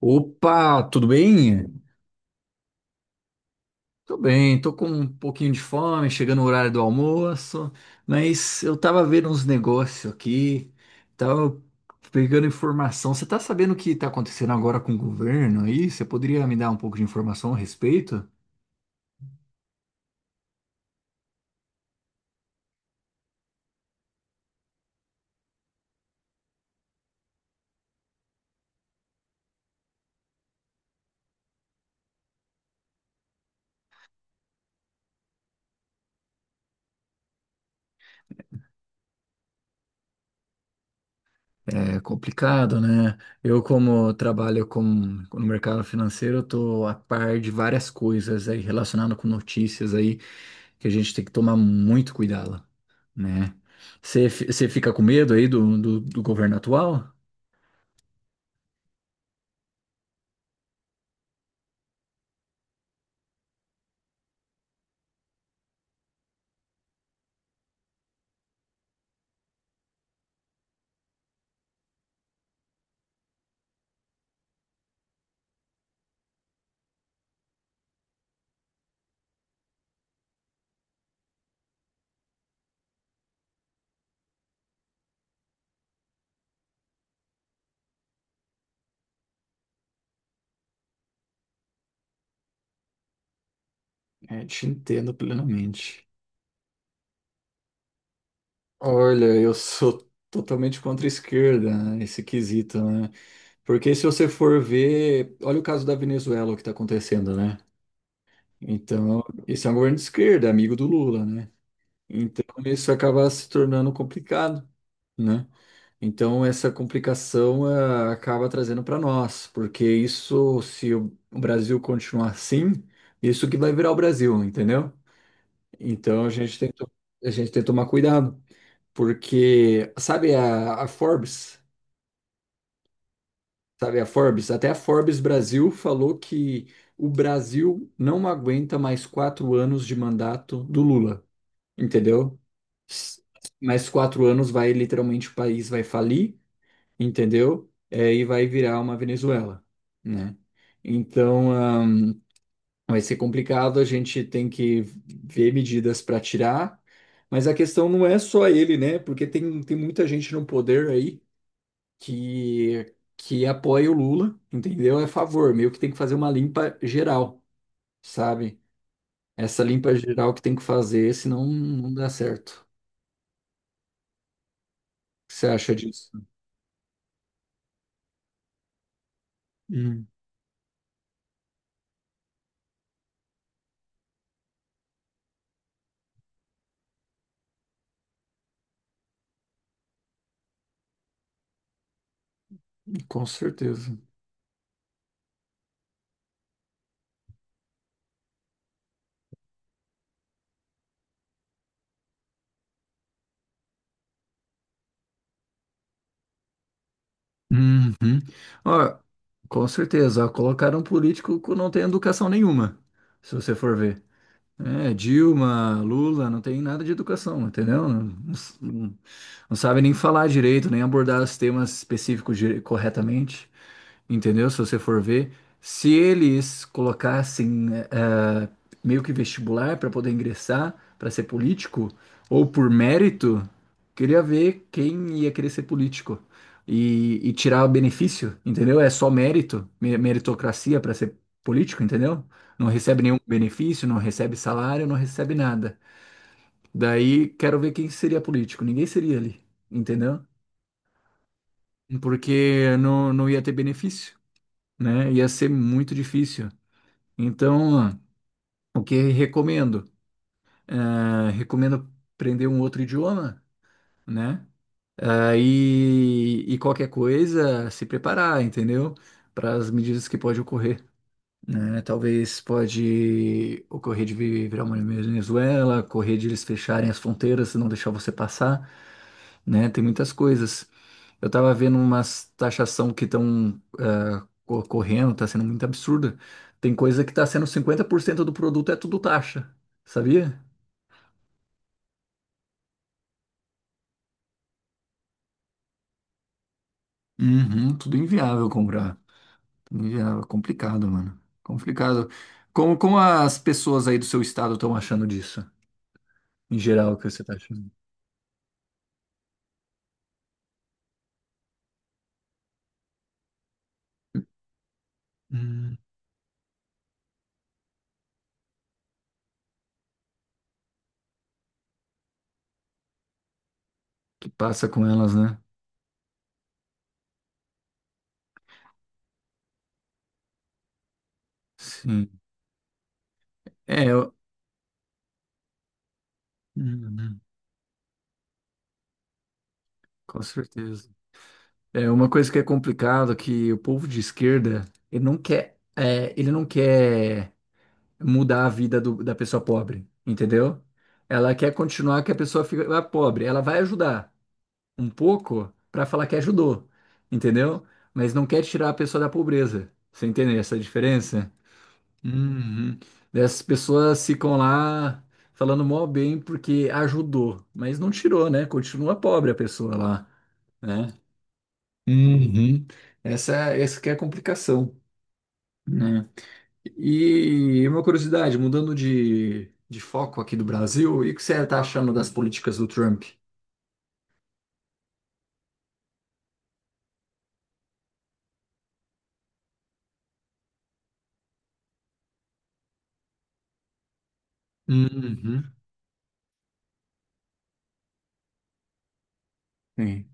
Opa, tudo bem? Tô bem, tô com um pouquinho de fome, chegando no horário do almoço, mas eu tava vendo uns negócios aqui, tava pegando informação. Você tá sabendo o que tá acontecendo agora com o governo aí? Você poderia me dar um pouco de informação a respeito? É complicado, né? Eu, como trabalho com, no mercado financeiro, eu tô a par de várias coisas aí relacionadas com notícias aí, que a gente tem que tomar muito cuidado, né? Você fica com medo aí do governo atual? É, te entendo plenamente. Olha, eu sou totalmente contra a esquerda, né, esse quesito, né? Porque se você for ver, olha o caso da Venezuela, o que está acontecendo, né? Então, esse é um governo de esquerda, amigo do Lula, né? Então, isso acaba se tornando complicado, né? Então, essa complicação acaba trazendo para nós, porque isso, se o Brasil continuar assim, isso que vai virar o Brasil, entendeu? Então, a gente tem a gente tem que tomar cuidado, porque, sabe a Forbes? Sabe a Forbes? Até a Forbes Brasil falou que o Brasil não aguenta mais 4 anos de mandato do Lula, entendeu? S- Mais 4 anos vai, literalmente, o país vai falir, entendeu? É, e vai virar uma Venezuela, né? Então, vai ser complicado, a gente tem que ver medidas para tirar, mas a questão não é só ele, né? Porque tem muita gente no poder aí que apoia o Lula, entendeu? É a favor, meio que tem que fazer uma limpa geral, sabe? Essa limpa geral que tem que fazer, senão não dá certo. O que você acha disso? Hum, com certeza. Uhum. Ó, com certeza, ó, colocaram um político que não tem educação nenhuma, se você for ver. É, Dilma, Lula, não tem nada de educação, entendeu? Não, não, não sabe nem falar direito, nem abordar os temas específicos corretamente. Entendeu? Se você for ver, se eles colocassem eh, meio que vestibular para poder ingressar, para ser político, ou por mérito, queria ver quem ia querer ser político e tirar o benefício, entendeu? É só mérito, meritocracia para ser político, entendeu? Não recebe nenhum benefício, não recebe salário, não recebe nada. Daí quero ver quem seria político. Ninguém seria ali, entendeu? Porque não ia ter benefício, né? Ia ser muito difícil. Então, o que recomendo? Recomendo aprender um outro idioma, né? Ah, e qualquer coisa, se preparar, entendeu? Para as medidas que pode ocorrer, né? Talvez pode ocorrer de virar uma Venezuela, ocorrer de eles fecharem as fronteiras, não deixar você passar, né? Tem muitas coisas. Eu tava vendo umas taxação que estão correndo, tá sendo muito absurda. Tem coisa que tá sendo 50% do produto é tudo taxa, sabia? Uhum, tudo inviável comprar. Tudo inviável, complicado, mano. Complicado. Como as pessoas aí do seu estado estão achando disso? Em geral, o que você tá achando? Hum, que passa com elas, né? Sim. É, eu... Uhum, com certeza. É uma coisa que é complicado que o povo de esquerda, ele não quer, é, ele não quer mudar a vida da pessoa pobre, entendeu? Ela quer continuar que a pessoa fica pobre. Ela vai ajudar um pouco para falar que ajudou, entendeu? Mas não quer tirar a pessoa da pobreza. Você entende essa diferença? Uhum. Essas pessoas ficam lá falando mó bem porque ajudou, mas não tirou, né? Continua pobre a pessoa lá, né? Uhum. Essa que é a complicação, né? E uma curiosidade, mudando de foco aqui do Brasil, e o que você está achando das políticas do Trump? Uhum. Sim.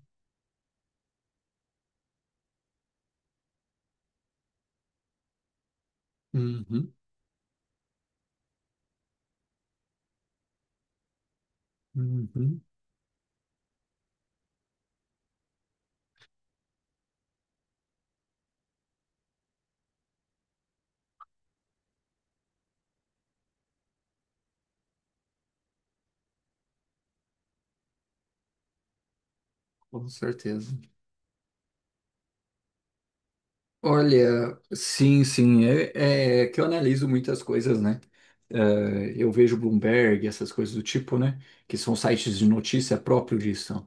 Uhum. Uhum. Com certeza. Olha, sim, sim, é que eu analiso muitas coisas, né? Eh, eu vejo Bloomberg, essas coisas do tipo, né? Que são sites de notícia próprios disso.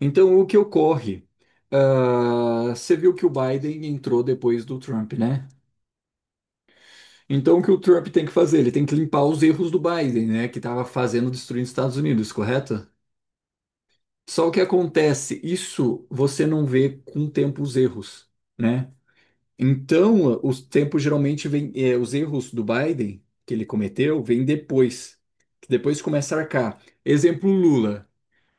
Então, o que ocorre? Ah, você viu que o Biden entrou depois do Trump, né? Então, o que o Trump tem que fazer? Ele tem que limpar os erros do Biden, né? Que estava fazendo destruir os Estados Unidos, correto? Só o que acontece, isso você não vê com o tempo os erros, né? Então, os tempos geralmente vêm, os erros do Biden que ele cometeu vêm depois, que depois começa a arcar. Exemplo, Lula.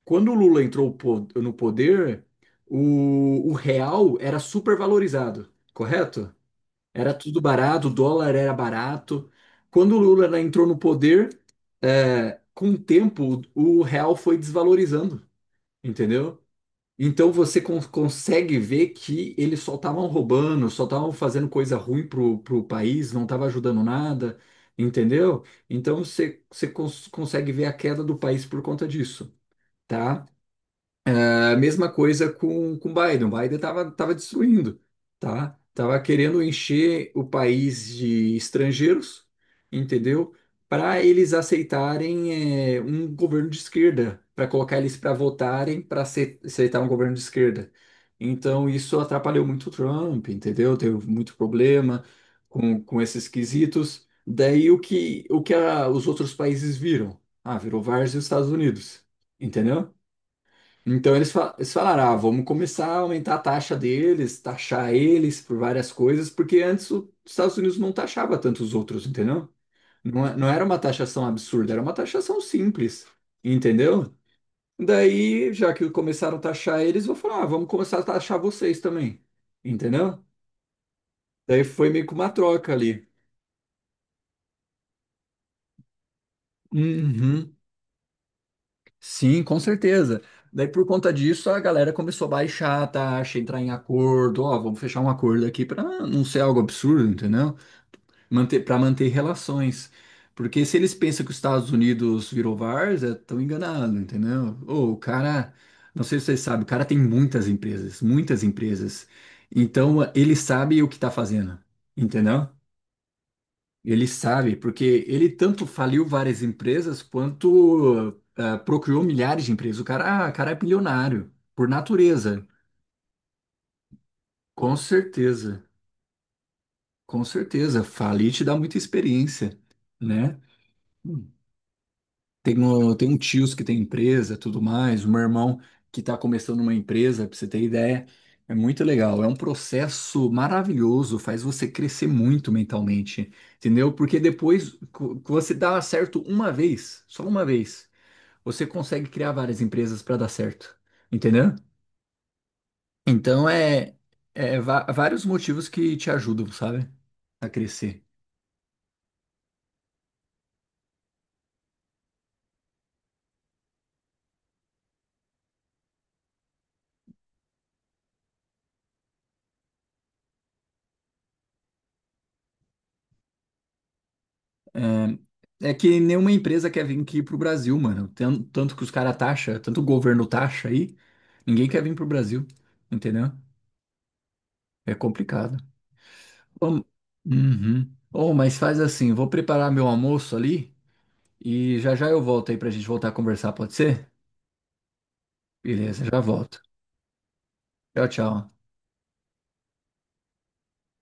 Quando o Lula entrou no poder, o real era super valorizado, correto? Era tudo barato, o dólar era barato. Quando o Lula entrou no poder, é, com o tempo, o real foi desvalorizando, entendeu? Então você consegue ver que eles só estavam roubando, só estavam fazendo coisa ruim pro país, não estava ajudando nada, entendeu? Então você, você consegue ver a queda do país por conta disso, tá? É a mesma coisa com Biden. O Biden estava tava destruindo, tá? Tava querendo encher o país de estrangeiros, entendeu? Para eles aceitarem um governo de esquerda, para colocar eles para votarem para aceitar um governo de esquerda. Então isso atrapalhou muito o Trump, entendeu? Teve muito problema com esses quesitos. Daí o que os outros países viram? Ah, virou várzea os Estados Unidos, entendeu? Então eles, eles falaram, ah, vamos começar a aumentar a taxa deles, taxar eles por várias coisas, porque antes os Estados Unidos não taxava tanto os outros, entendeu? Não, não era uma taxação absurda, era uma taxação simples, entendeu? Daí, já que começaram a taxar eles, vou falar, ah, vamos começar a taxar vocês também, entendeu? Daí foi meio que uma troca ali. Uhum. Sim, com certeza. Daí, por conta disso, a galera começou a baixar a taxa, entrar em acordo. Ó, vamos fechar um acordo aqui para não ser algo absurdo, entendeu? Para manter relações. Porque se eles pensam que os Estados Unidos virou várzea, estão enganados, entendeu? Ô, o cara, não sei se vocês sabem, o cara tem muitas empresas, muitas empresas. Então, ele sabe o que está fazendo, entendeu? Ele sabe, porque ele tanto faliu várias empresas quanto ah, procriou milhares de empresas. O cara, cara é bilionário, por natureza. Com certeza, com certeza. Falir te dá muita experiência, né? Tem um tios que tem empresa, tudo mais, um irmão que está começando uma empresa, para você ter ideia. É muito legal, é um processo maravilhoso, faz você crescer muito mentalmente, entendeu? Porque depois você dá certo uma vez, só uma vez, você consegue criar várias empresas para dar certo, entendeu? Então é, é vários motivos que te ajudam, sabe? A crescer. É, é que nenhuma empresa quer vir aqui pro Brasil, mano. Tanto que os caras taxa, tanto o governo taxa aí, ninguém quer vir pro Brasil, entendeu? É complicado. Ô, uhum. Ô, mas faz assim, vou preparar meu almoço ali e já já eu volto aí pra gente voltar a conversar, pode ser? Beleza, já volto. Tchau, tchau.